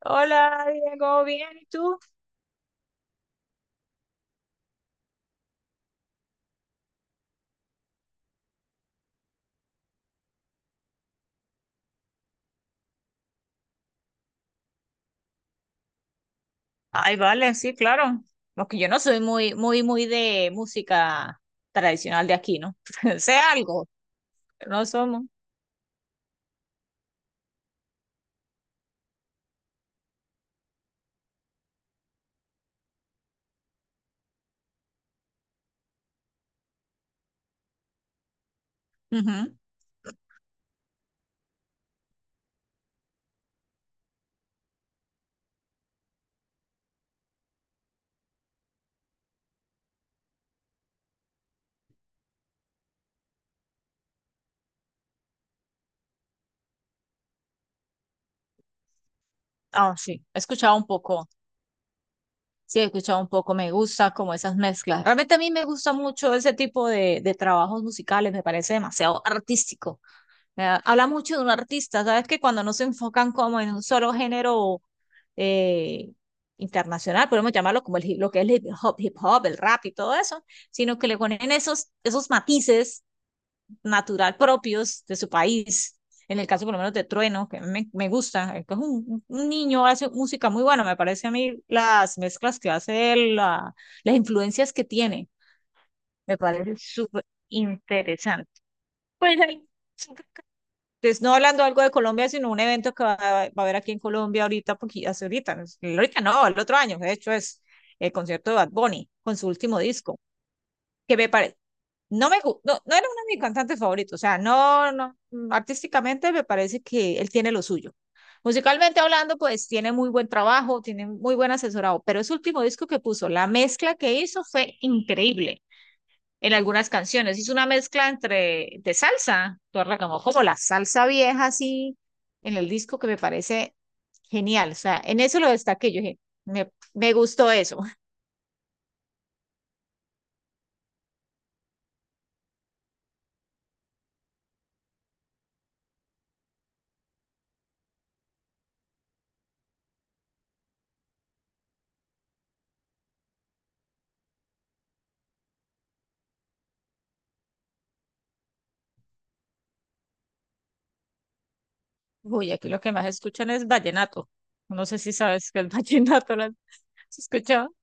Hola, Diego, ¿bien? ¿Y tú? Ay, vale, sí, claro. Porque yo no soy muy, muy, muy de música tradicional de aquí, ¿no? Sé algo, pero no somos. Ujú. Ah, sí, he escuchado un poco. Sí, he escuchado un poco. Me gusta como esas mezclas. Realmente a mí me gusta mucho ese tipo de trabajos musicales. Me parece demasiado artístico. Habla mucho de un artista, ¿sabes? Que cuando no se enfocan como en un solo género eh, internacional, podemos llamarlo como lo que es el hip hop, el rap y todo eso, sino que le ponen esos matices natural propios de su país. En el caso por lo menos de Trueno, que me gusta, que es un niño, hace música muy buena, me parece a mí las mezclas que hace, él, la, las influencias que tiene, me parece súper interesante. Pues ahí entonces, no hablando algo de Colombia, sino un evento que va a haber aquí en Colombia ahorita, porque hace ahorita, no, ahorita no, el otro año, de hecho es el concierto de Bad Bunny con su último disco, que me parece, no, no era uno de mis cantantes favoritos, o sea, no, no, mm, artísticamente me parece que él tiene lo suyo. Musicalmente hablando, pues tiene muy buen trabajo, tiene muy buen asesorado, pero ese último disco que puso, la mezcla que hizo fue increíble en algunas canciones. Es una mezcla entre de salsa, tú como, como la salsa vieja así en el disco que me parece genial. O sea, en eso lo destaqué. Yo dije, me gustó eso. Uy, aquí lo que más escuchan es vallenato. No sé si sabes que el vallenato lo has escuchado.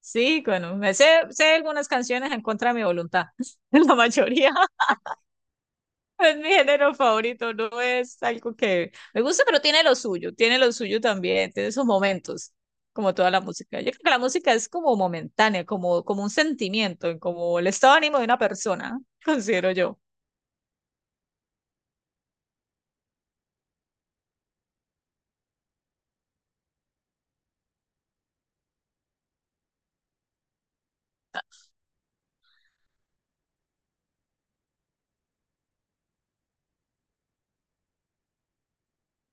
Sí, bueno, sé algunas canciones en contra de mi voluntad, la mayoría. Es mi género favorito, no es algo que me gusta, pero tiene lo suyo también, tiene sus momentos, como toda la música. Yo creo que la música es como momentánea, como, como un sentimiento, como el estado de ánimo de una persona, considero yo.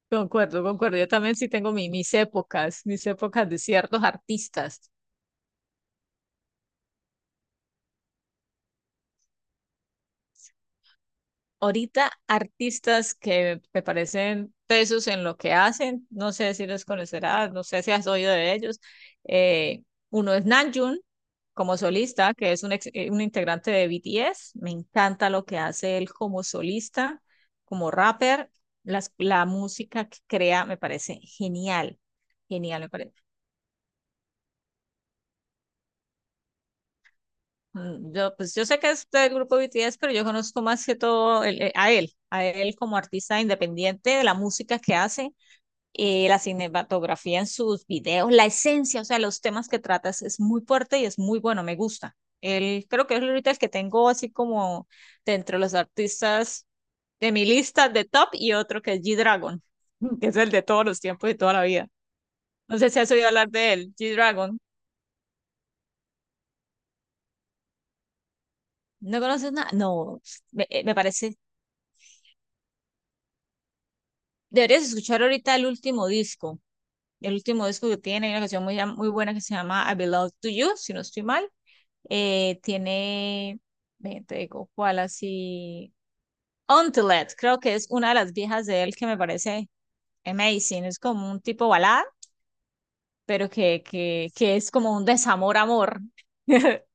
Concuerdo, concuerdo. Yo también sí tengo mis épocas de ciertos artistas. Ahorita artistas que me parecen tesos en lo que hacen, no sé si los conocerás, no sé si has oído de ellos. Eh, Uno es Namjoon como solista, que es un integrante de BTS. Me encanta lo que hace él como solista, como rapper. La música que crea me parece genial, genial me parece. Yo, pues yo sé que es del grupo BTS, pero yo conozco más que todo a él como artista independiente de la música que hace la cinematografía en sus videos, la esencia, o sea, los temas que tratas es muy fuerte y es muy bueno, me gusta. Él creo que es ahorita el que tengo así como de entre los artistas de mi lista de top y otro que es G-Dragon, que es el de todos los tiempos y toda la vida. No sé si has oído hablar de él, G-Dragon. ¿No conoces nada? No, me parece. Deberías escuchar ahorita el último disco. El último disco que tiene, hay una canción muy, muy buena que se llama I Belong to You, si no estoy mal. Eh, tiene, ve, te digo, ¿cuál así? Untiled, creo que es una de las viejas de él que me parece amazing. Es como un tipo balada, pero que es como un desamor-amor.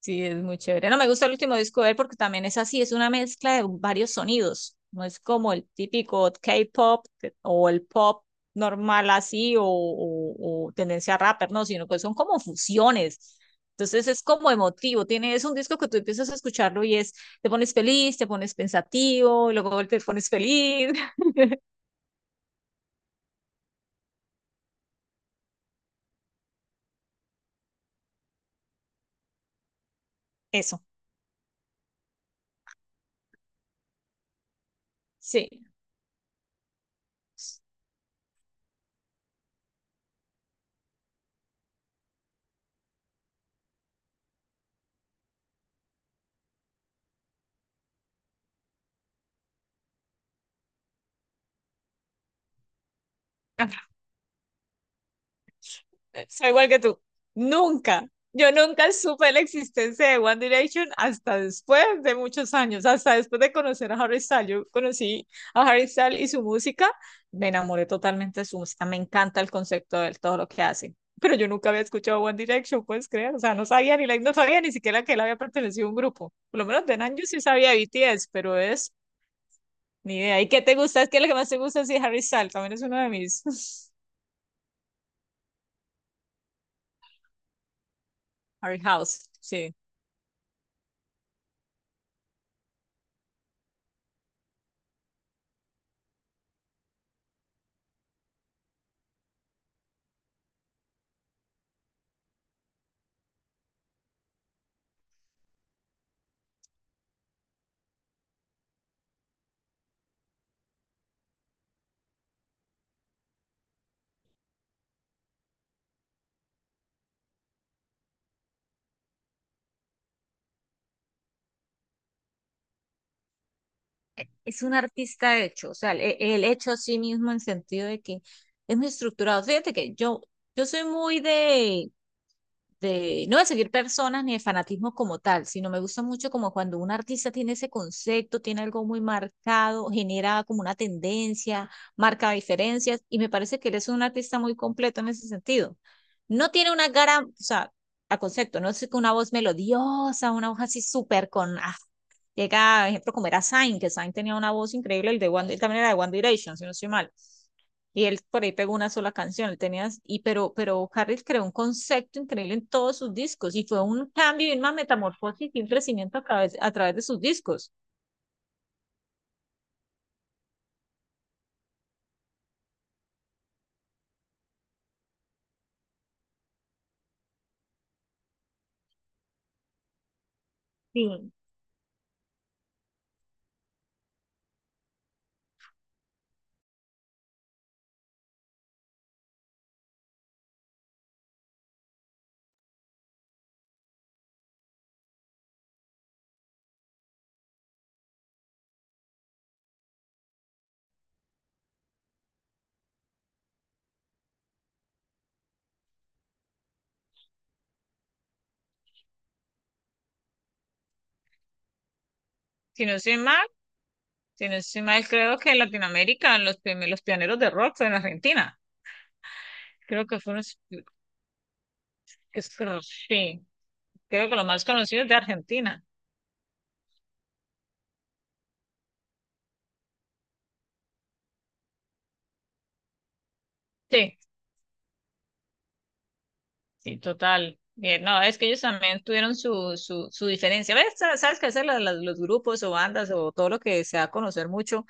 Sí, es muy chévere. No me gusta el último disco de él porque también es así, es una mezcla de varios sonidos. No es como el típico K-pop o el pop normal así o tendencia a rapper, no, sino que son como fusiones. Entonces es como emotivo. Tiene, es un disco que tú empiezas a escucharlo y es, te pones feliz, te pones pensativo, luego te pones feliz. Eso, sí. Soy igual que tú. Nunca. Yo nunca supe la existencia de One Direction hasta después de muchos años, hasta después de conocer a Harry Styles. Yo conocí a Harry Styles y su música, me enamoré totalmente de su música, me encanta el concepto de él, todo lo que hace. Pero yo nunca había escuchado One Direction, puedes creer, o sea, no sabía ni siquiera que él había pertenecido a un grupo. Por lo menos de Nanjo sí sabía de BTS, pero es ni idea. ¿Y qué te gusta? Es que lo que más te gusta sí, es Harry Styles, también es uno de mis Harry House, sí. Es un artista hecho, o sea, el hecho a sí mismo en sentido de que es muy estructurado. Fíjate que yo soy muy de, no de seguir personas ni de fanatismo como tal, sino me gusta mucho como cuando un artista tiene ese concepto, tiene algo muy marcado, genera como una tendencia, marca diferencias, y me parece que él es un artista muy completo en ese sentido. No tiene una gran, o sea, a concepto, no es una voz melodiosa, una voz así súper con... Ah, llega, por ejemplo, como era Zayn, que Zayn tenía una voz increíble, el de One, también era de One Direction, si no estoy mal. Y él por ahí pegó una sola canción, él tenía, y, pero Harris creó un concepto increíble en todos sus discos y fue un cambio y una metamorfosis y un crecimiento a través de sus discos. Sí. Si no estoy mal, si no estoy mal, creo que en Latinoamérica los pioneros de rock fue en Argentina. Creo que fueron, sí, creo que los más conocidos de Argentina. Sí, sí, total. Bien, no, es que ellos también tuvieron su, su, su diferencia. ¿Ves? Sabes que hacer los grupos o bandas o todo lo que se da a conocer mucho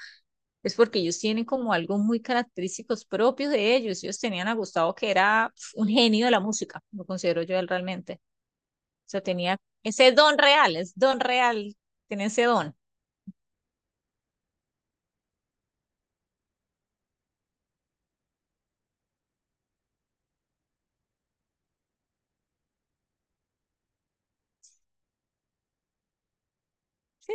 es porque ellos tienen como algo muy característicos propios de ellos. Ellos tenían a Gustavo que era pf, un genio de la música, lo considero yo él realmente. O sea, tenía ese don real, es don real, tiene ese don. Sí.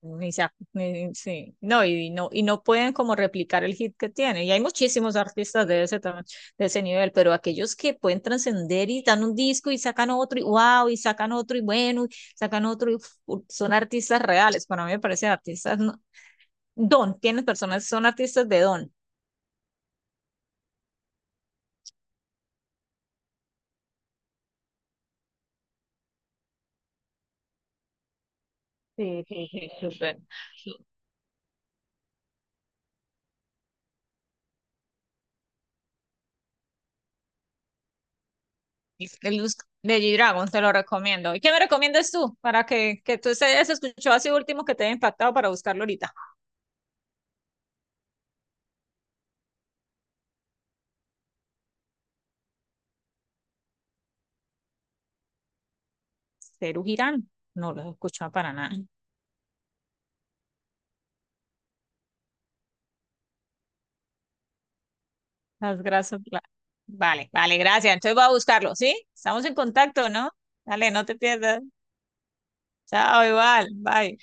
Ni se- ni- sí. No, y, no, y no pueden como replicar el hit que tiene. Y hay muchísimos artistas de de ese nivel, pero aquellos que pueden trascender y dan un disco y sacan otro y wow, y sacan otro y bueno, y sacan otro y uf, son artistas reales. Para mí me parecen artistas no- don, tienes personas, son artistas de don. Sí, sí, sí, súper. El Luz de G-Dragon, te lo recomiendo. ¿Y qué me recomiendas tú para que tú se hayas escuchado así último que te haya impactado para buscarlo ahorita? Ceru Girán, no lo he escuchado para nada. Las grasas. La- Vale, vale, gracias. Entonces voy a buscarlo, ¿sí? Estamos en contacto, ¿no? Dale, no te pierdas. Chao, igual. Bye.